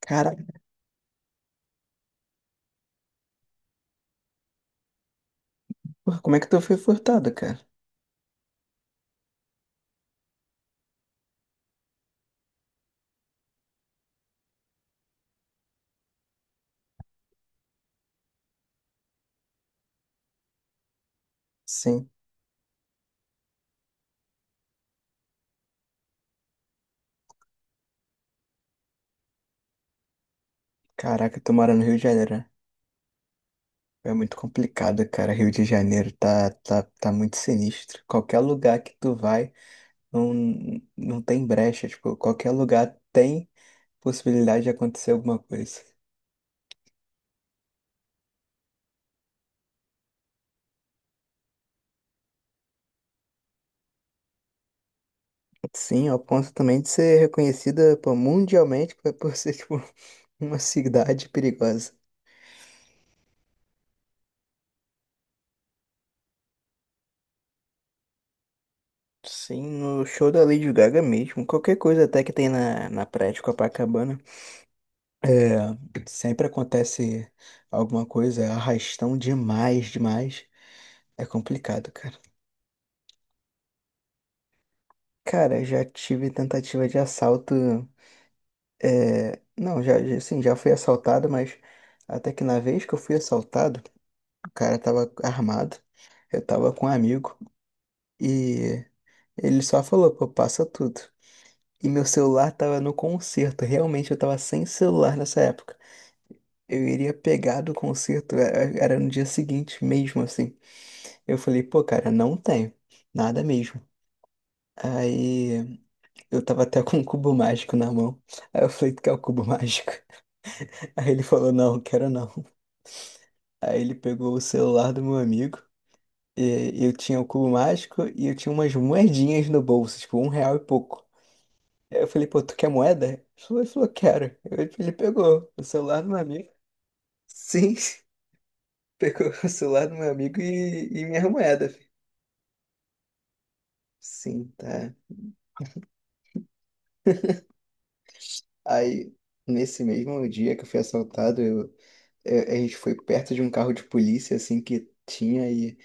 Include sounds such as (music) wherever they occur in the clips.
Caraca, porra, como é que tu foi furtado, cara? Sim. Caraca, tu mora no Rio de Janeiro, né? É muito complicado, cara. Rio de Janeiro tá muito sinistro. Qualquer lugar que tu vai, não, não tem brecha. Tipo, qualquer lugar tem possibilidade de acontecer alguma coisa. Sim, ao ponto também de ser reconhecida, pô, mundialmente por ser, tipo, (laughs) uma cidade perigosa. Sim, no show da Lady Gaga mesmo. Qualquer coisa até que tem na praia de Copacabana. É, sempre acontece alguma coisa, é arrastão demais, demais. É complicado, cara. Cara, já tive tentativa de assalto. Não, sim, já fui assaltado, mas até que na vez que eu fui assaltado, o cara tava armado, eu tava com um amigo e ele só falou, pô, passa tudo. E meu celular tava no concerto, realmente eu tava sem celular nessa época. Eu iria pegar do concerto, era no dia seguinte mesmo, assim. Eu falei, pô, cara, não tenho. Nada mesmo. Aí eu tava até (laughs) com um cubo mágico na mão. Aí eu falei, tu quer o cubo mágico? (laughs) Aí ele falou, não, quero não. Aí ele pegou o celular do meu amigo. E eu tinha o cubo mágico e eu tinha umas moedinhas no bolso, tipo, um real e pouco. Aí eu falei, pô, tu quer moeda? Ele falou, quero. Ele pegou o celular do meu amigo. Sim, (laughs) pegou o celular do meu amigo e minha moeda. Sim, tá. Aí, nesse mesmo dia que eu fui assaltado, a gente foi perto de um carro de polícia, assim, que tinha, e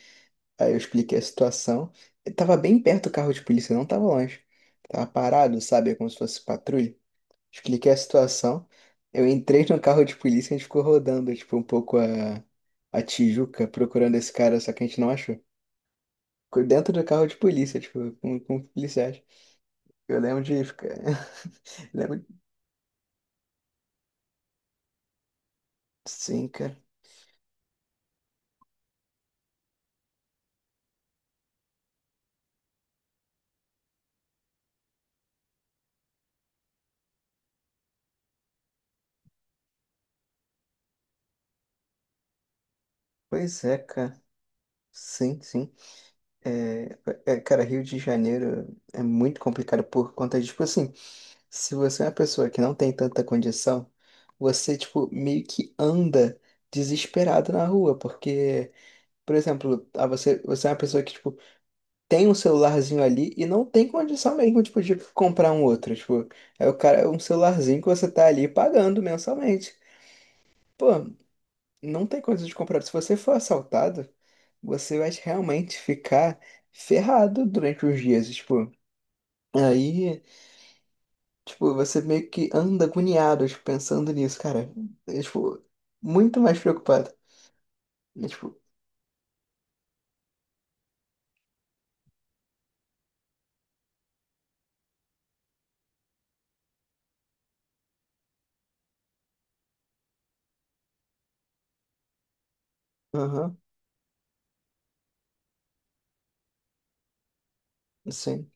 aí eu expliquei a situação. Eu tava bem perto do carro de polícia, não tava longe. Tava parado, sabe? Como se fosse patrulha. Expliquei a situação. Eu entrei no carro de polícia e a gente ficou rodando, tipo, um pouco a Tijuca, procurando esse cara, só que a gente não achou. Ficou dentro do carro de polícia, tipo, com policiais. Eu lembro de ficar. (laughs) Lembro. Sim, cara. Pois é, cara. Sim, sim. É, é, cara, Rio de Janeiro é muito complicado por conta de, tipo assim, se você é uma pessoa que não tem tanta condição, você, tipo, meio que anda desesperado na rua, porque, por exemplo, ah, você é uma pessoa que, tipo, tem um celularzinho ali e não tem condição mesmo, tipo, de comprar um outro, tipo, é o cara, é um celularzinho que você tá ali pagando mensalmente. Pô, não tem coisa de comprar. Se você for assaltado, você vai realmente ficar ferrado durante os dias, tipo. Aí, tipo, você meio que anda agoniado, tipo, pensando nisso, cara. É, tipo, muito mais preocupado. É, tipo, aham, sim.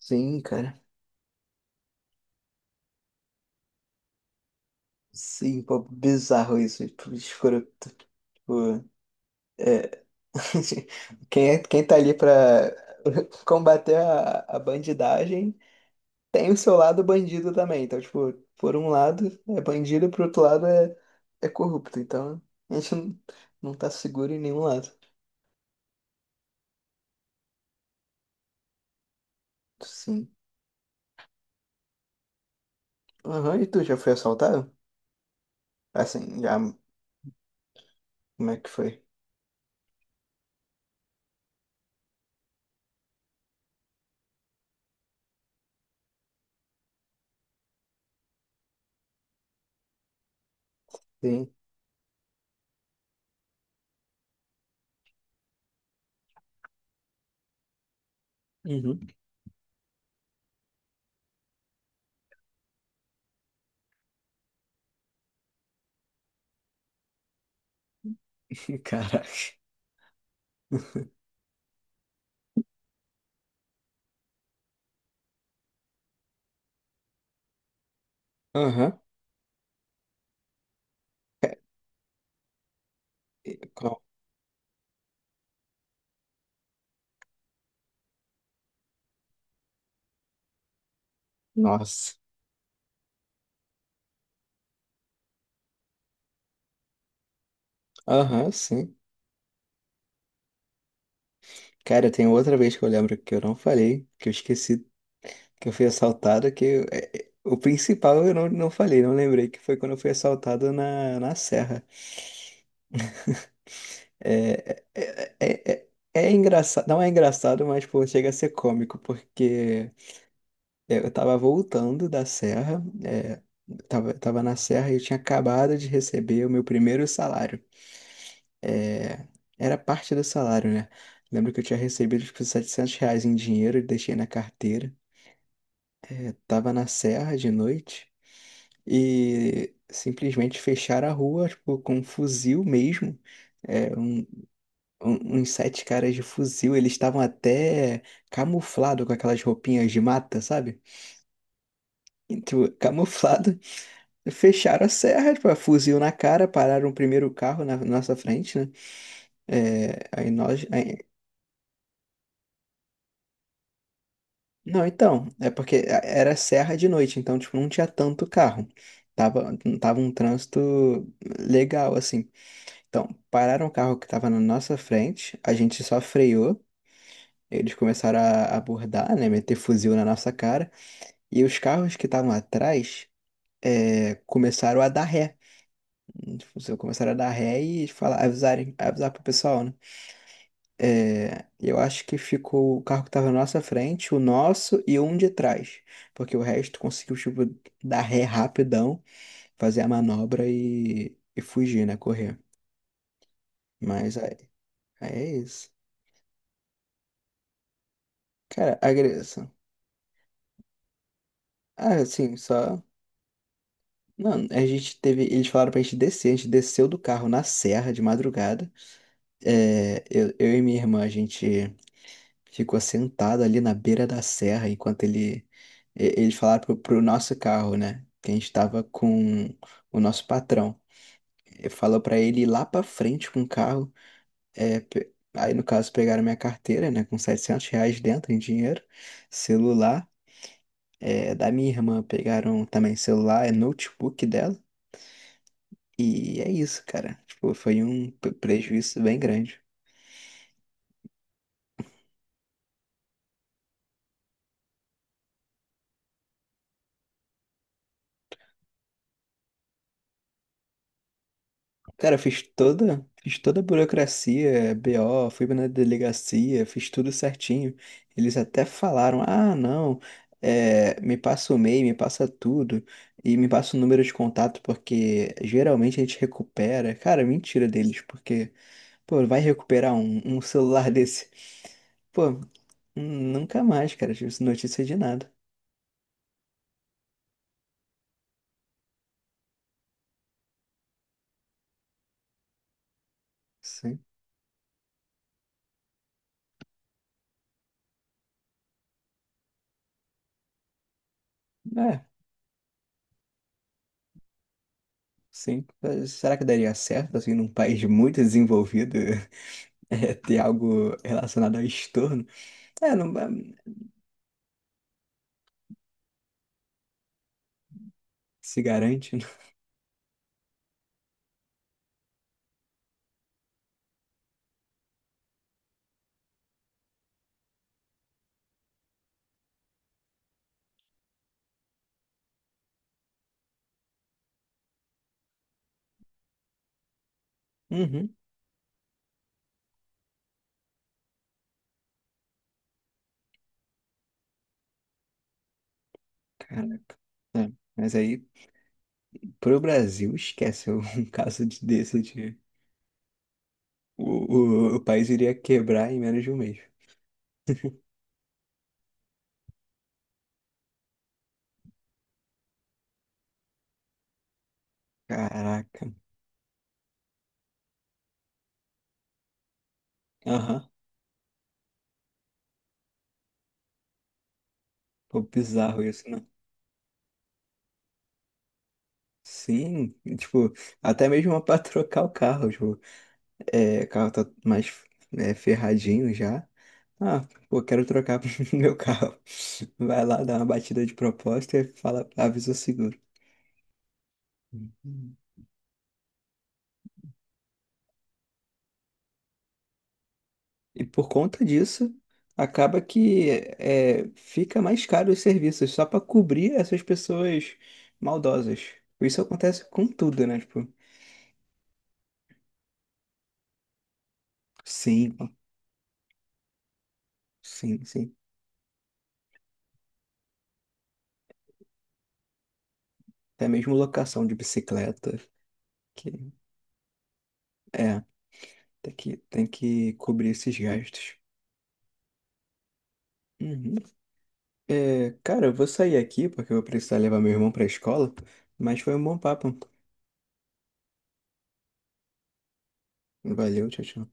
Sim, cara. Sim, pô, bizarro isso. Tipo, escroto. Tipo, é. (laughs) Quem tá ali pra (laughs) combater a bandidagem tem o seu lado bandido também. Então, tipo, por um lado é bandido, por outro lado é corrupto. Então, a gente não, não tá seguro em nenhum lado. Sim. Aham. E tu já foi assaltado? Assim, já. Como é que foi? Sim. Uhum. (laughs) Caraca. Aham. É, E qual- Nossa. Aham, sim. Cara, tem outra vez que eu lembro que eu não falei, que eu esqueci que eu fui assaltado, que eu- é, é, o principal eu não, não falei, não lembrei, que foi quando eu fui assaltado na Serra. É, é, é, é, é engraçado, não é engraçado, mas pô, chega a ser cômico, porque eu tava voltando da Serra, tava na Serra e eu tinha acabado de receber o meu primeiro salário. é, era parte do salário, né? Lembro que eu tinha recebido tipo, R$ 700 em dinheiro e deixei na carteira. É, tava na serra de noite e simplesmente fecharam a rua, tipo, com um fuzil mesmo. É, um, uns sete caras de fuzil, eles estavam até camuflado com aquelas roupinhas de mata, sabe? Tipo, (laughs) camuflado. Fecharam a serra, tipo, fuzil na cara, pararam o primeiro carro na nossa frente, né? É, aí nós, não, então, é porque era serra de noite, então, tipo, não tinha tanto carro. Tava um trânsito legal, assim. Então, pararam o carro que tava na nossa frente, a gente só freou, eles começaram a abordar, né, meter fuzil na nossa cara, e os carros que estavam atrás, começaram a dar ré. Tipo, começaram a dar ré e falar, avisarem, avisar pro pessoal, né? É, eu acho que ficou o carro que tava na nossa frente, o nosso e um de trás. Porque o resto conseguiu, tipo, dar ré rapidão, fazer a manobra e fugir, né? Correr. Mas aí é isso. Cara, agressão. Ah, assim, só. Não, a gente teve. Eles falaram pra gente descer. A gente desceu do carro na serra de madrugada. É, eu e minha irmã, a gente ficou sentado ali na beira da serra enquanto eles falaram pro nosso carro, né? Que a gente estava com o nosso patrão. Ele falou para ele ir lá para frente com o carro. Aí no caso pegaram minha carteira, né? Com R$ 700 dentro em dinheiro, celular, da minha irmã pegaram também celular, notebook dela. E é isso, cara. Tipo, foi um prejuízo bem grande. Cara, eu fiz toda a burocracia, BO, fui na delegacia, fiz tudo certinho. Eles até falaram: ah, não, me passa o e-mail, me passa tudo e me passa o número de contato, porque geralmente a gente recupera. Cara, mentira deles, porque, pô, vai recuperar um celular (laughs) desse? Pô, nunca mais, cara, tive notícia de nada. Sim, é, sim. Será que daria certo, assim, num país muito desenvolvido? (laughs) (laughs) Ter algo relacionado ao estorno. É, não é, se garante. Né? Uhum, caraca. É, mas aí, pro Brasil, esquece é um (laughs) caso desse de o país iria quebrar em menos de um mês. Caraca. Aham. Pô, bizarro isso, né? Sim, tipo, até mesmo (laughs) pra trocar o carro, tipo, o carro tá mais ferradinho já. Ah, pô, quero trocar (laughs) meu carro. Vai lá, dá uma batida de propósito e fala, avisa o seguro. Uhum. E por conta disso, acaba que fica mais caro os serviços só para cobrir essas pessoas maldosas. Isso acontece com tudo, né? Tipo, sim, sim, sim. Até mesmo locação de bicicleta, que é, tem que cobrir esses gastos. Uhum. É, cara, eu vou sair aqui porque eu vou precisar levar meu irmão para a escola, mas foi um bom papo. Valeu, tchau, tchau.